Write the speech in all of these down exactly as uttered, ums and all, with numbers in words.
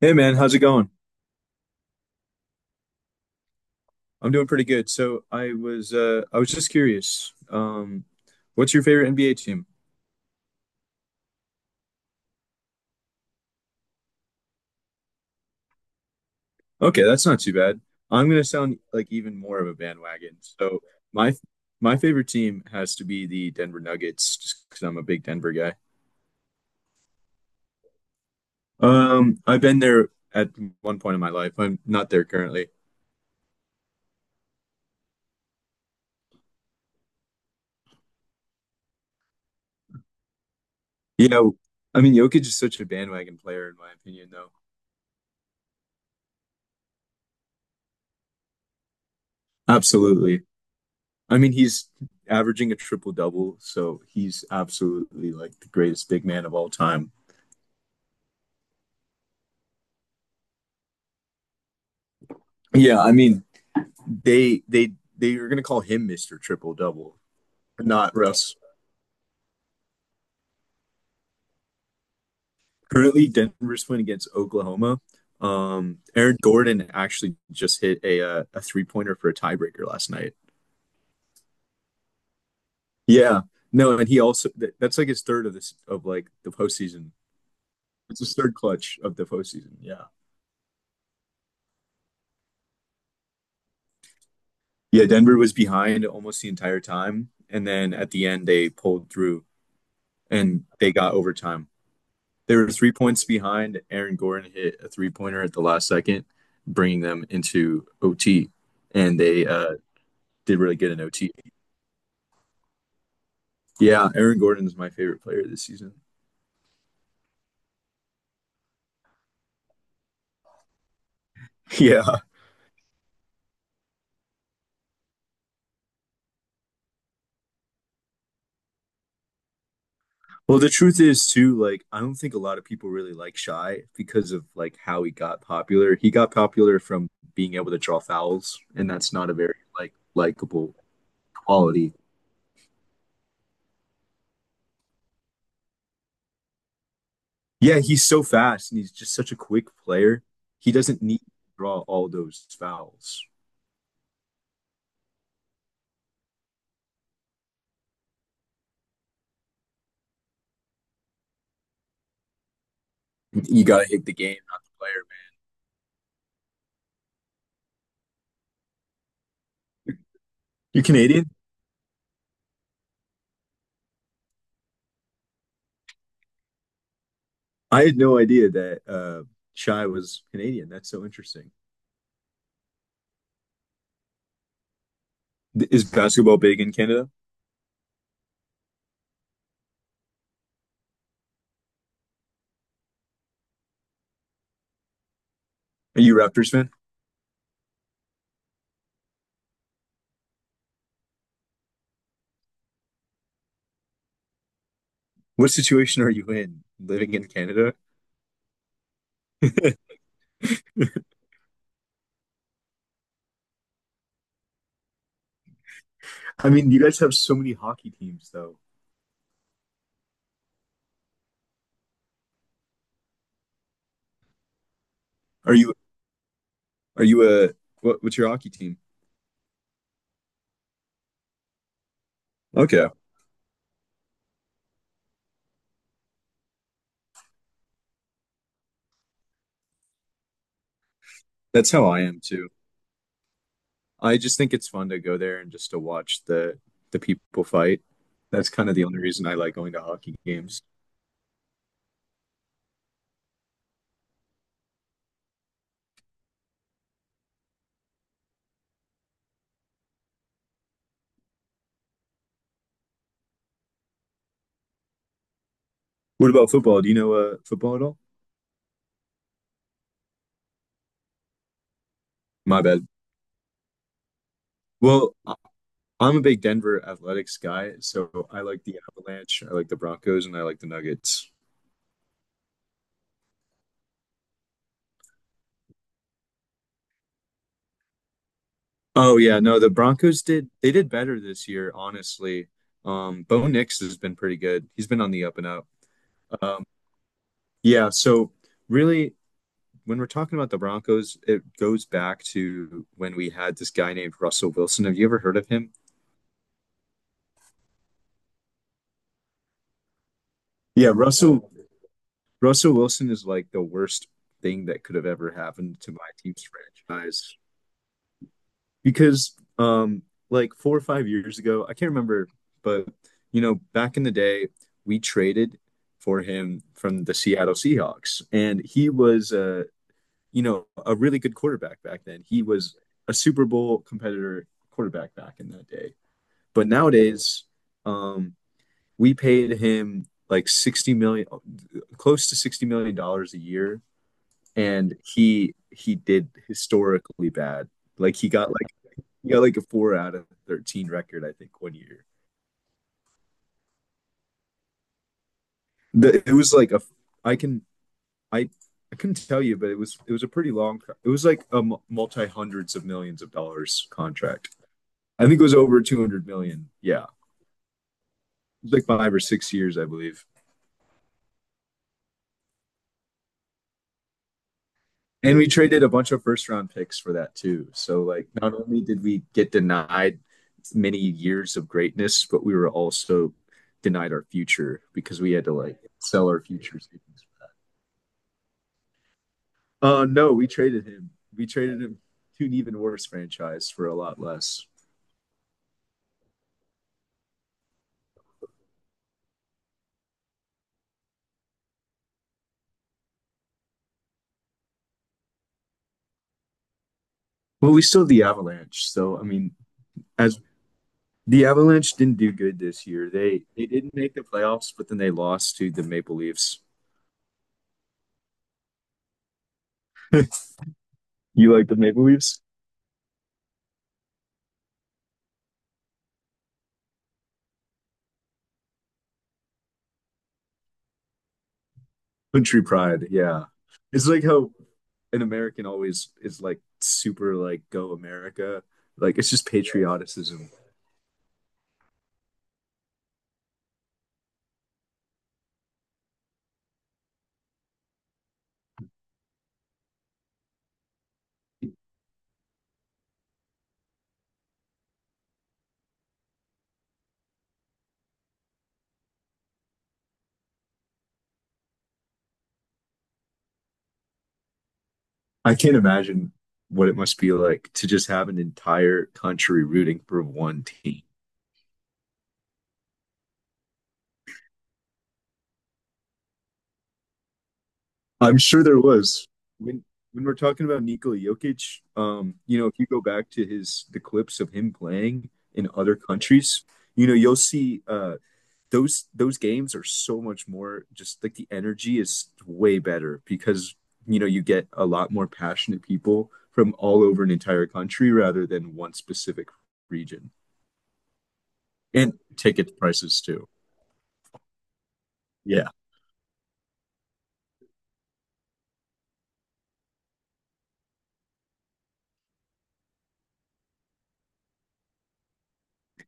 Hey man, how's it going? I'm doing pretty good. So I was uh I was just curious. Um what's your favorite N B A team? Okay, that's not too bad. I'm gonna sound like even more of a bandwagon. So my my favorite team has to be the Denver Nuggets, just because I'm a big Denver guy. Um I've been there at one point in my life. I'm not there currently. Yeah, I mean Jokic is such a bandwagon player in my opinion though. Absolutely. I mean, he's averaging a triple double, so he's absolutely like the greatest big man of all time. Yeah, I mean, they they they are gonna call him Mister Triple Double, not Russ. Currently, Denver's playing against Oklahoma. Um, Aaron Gordon actually just hit a a, a three pointer for a tiebreaker last night. Yeah, no, and he also that, that's like his third of this of like the postseason. It's his third clutch of the postseason. Yeah. Yeah, Denver was behind almost the entire time, and then at the end they pulled through and they got overtime. They were three points behind. Aaron Gordon hit a three-pointer at the last second, bringing them into O T, and they uh, did really good in O T. Yeah, Aaron Gordon is my favorite player this season. Yeah. Well, the truth is too, like I don't think a lot of people really like Shy because of like how he got popular. He got popular from being able to draw fouls, and that's not a very like likable quality. Yeah, he's so fast and he's just such a quick player. He doesn't need to draw all those fouls. You got to hit the game, not the player, man. You're Canadian? I had no idea that uh, Shy was Canadian. That's so interesting. Th- Is basketball big in Canada? Are you a Raptors fan? What situation are you in living in Canada? I mean, you guys have so many hockey teams, though. Are you are you a what, what's your hockey team? Okay, that's how I am too. I just think it's fun to go there and just to watch the the people fight. That's kind of the only reason I like going to hockey games. What about football? Do you know uh, football at all? My bad. Well, I- I'm a big Denver Athletics guy, so I like the Avalanche, I like the Broncos, and I like the Nuggets. Oh yeah, no, the Broncos did they did better this year, honestly. Um, Bo Nix has been pretty good. He's been on the up and up. Um, yeah, so really when we're talking about the Broncos, it goes back to when we had this guy named Russell Wilson. Have you ever heard of him? Yeah, Russell Russell Wilson is like the worst thing that could have ever happened to my team's franchise because um like four or five years ago, I can't remember, but you know, back in the day, we traded for him from the Seattle Seahawks and he was uh you know, a really good quarterback back then. He was a Super Bowl competitor quarterback back in that day. But nowadays, um, we paid him like sixty million, close to sixty million dollars a year, and he he did historically bad. Like he got like he got like a four out of thirteen record, I think, one year. The, it was like a I can I I couldn't tell you, but it was it was a pretty long. It was like a multi hundreds of millions of dollars contract. I think it was over two hundred million. Yeah, it was like five or six years, I believe. And we traded a bunch of first round picks for that too. So like not only did we get denied many years of greatness, but we were also denied our future because we had to like sell our future savings. Uh no, we traded him. We traded him to an even worse franchise for a lot less. Well, we still have the Avalanche. So I mean, as the Avalanche didn't do good this year. They they didn't make the playoffs, but then they lost to the Maple Leafs. You like the Maple Leafs? Country pride, yeah. It's like how an American always is like super like go America. Like it's just patrioticism. I can't imagine what it must be like to just have an entire country rooting for one team. I'm sure there was. When when we're talking about Nikola Jokic, um, you know, if you go back to his the clips of him playing in other countries, you know, you'll see uh those those games are so much more just like the energy is way better because you know you get a lot more passionate people from all over an entire country rather than one specific region, and ticket prices too. Yeah,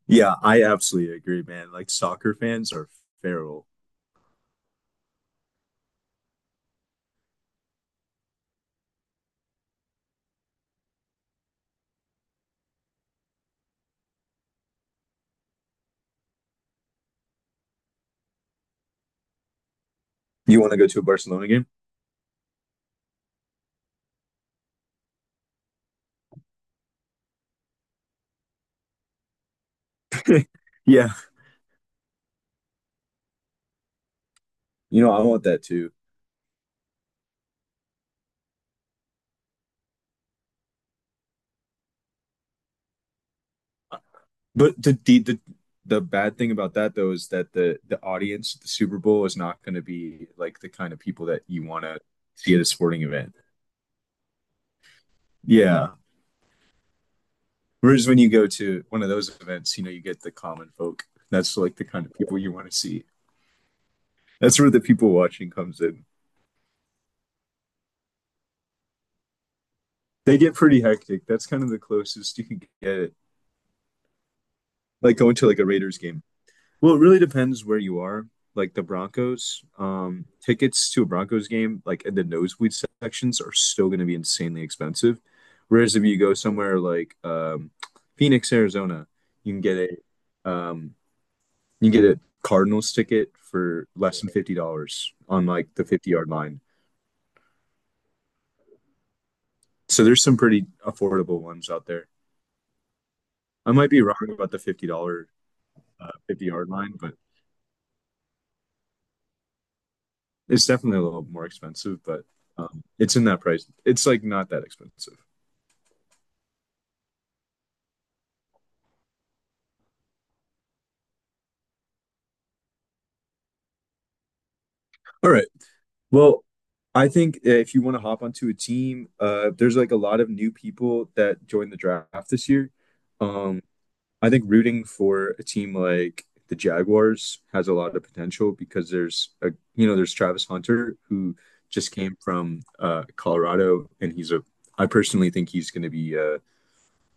yeah, I absolutely agree man, like soccer fans are feral. You want to go to a Barcelona game? Yeah, you know, I want that too. But the the the, the bad thing about that though is that the the audience at the Super Bowl is not going to be like the kind of people that you want to see at a sporting event. Yeah. Whereas when you go to one of those events, you know, you get the common folk. That's like the kind of people you want to see. That's where the people watching comes in. They get pretty hectic. That's kind of the closest you can get. Like going to like a Raiders game. Well, it really depends where you are. Like the Broncos, um, tickets to a Broncos game, like in the nosebleed sections, are still going to be insanely expensive. Whereas if you go somewhere like um, Phoenix, Arizona, you can get a um, you can get a Cardinals ticket for less than fifty dollars on like the fifty yard line. So there's some pretty affordable ones out there. I might be wrong about the fifty dollar uh, fifty yard line, but it's definitely a little more expensive, but um, it's in that price. It's like not that expensive. All right. Well, I think uh, if you want to hop onto a team, uh, there's like a lot of new people that joined the draft this year. Um, I think rooting for a team like the Jaguars has a lot of potential because there's a you know there's Travis Hunter who just came from uh, Colorado and he's a I personally think he's going to be uh,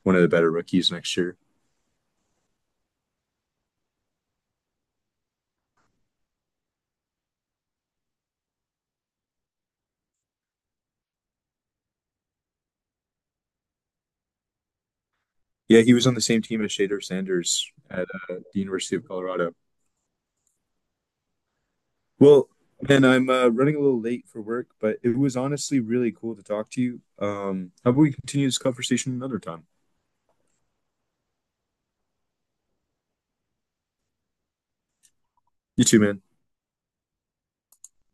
one of the better rookies next year. Yeah, he was on the same team as Shader Sanders at uh, the University of Colorado. Well, man, I'm uh, running a little late for work, but it was honestly really cool to talk to you. Um, how about we continue this conversation another time? You too, man.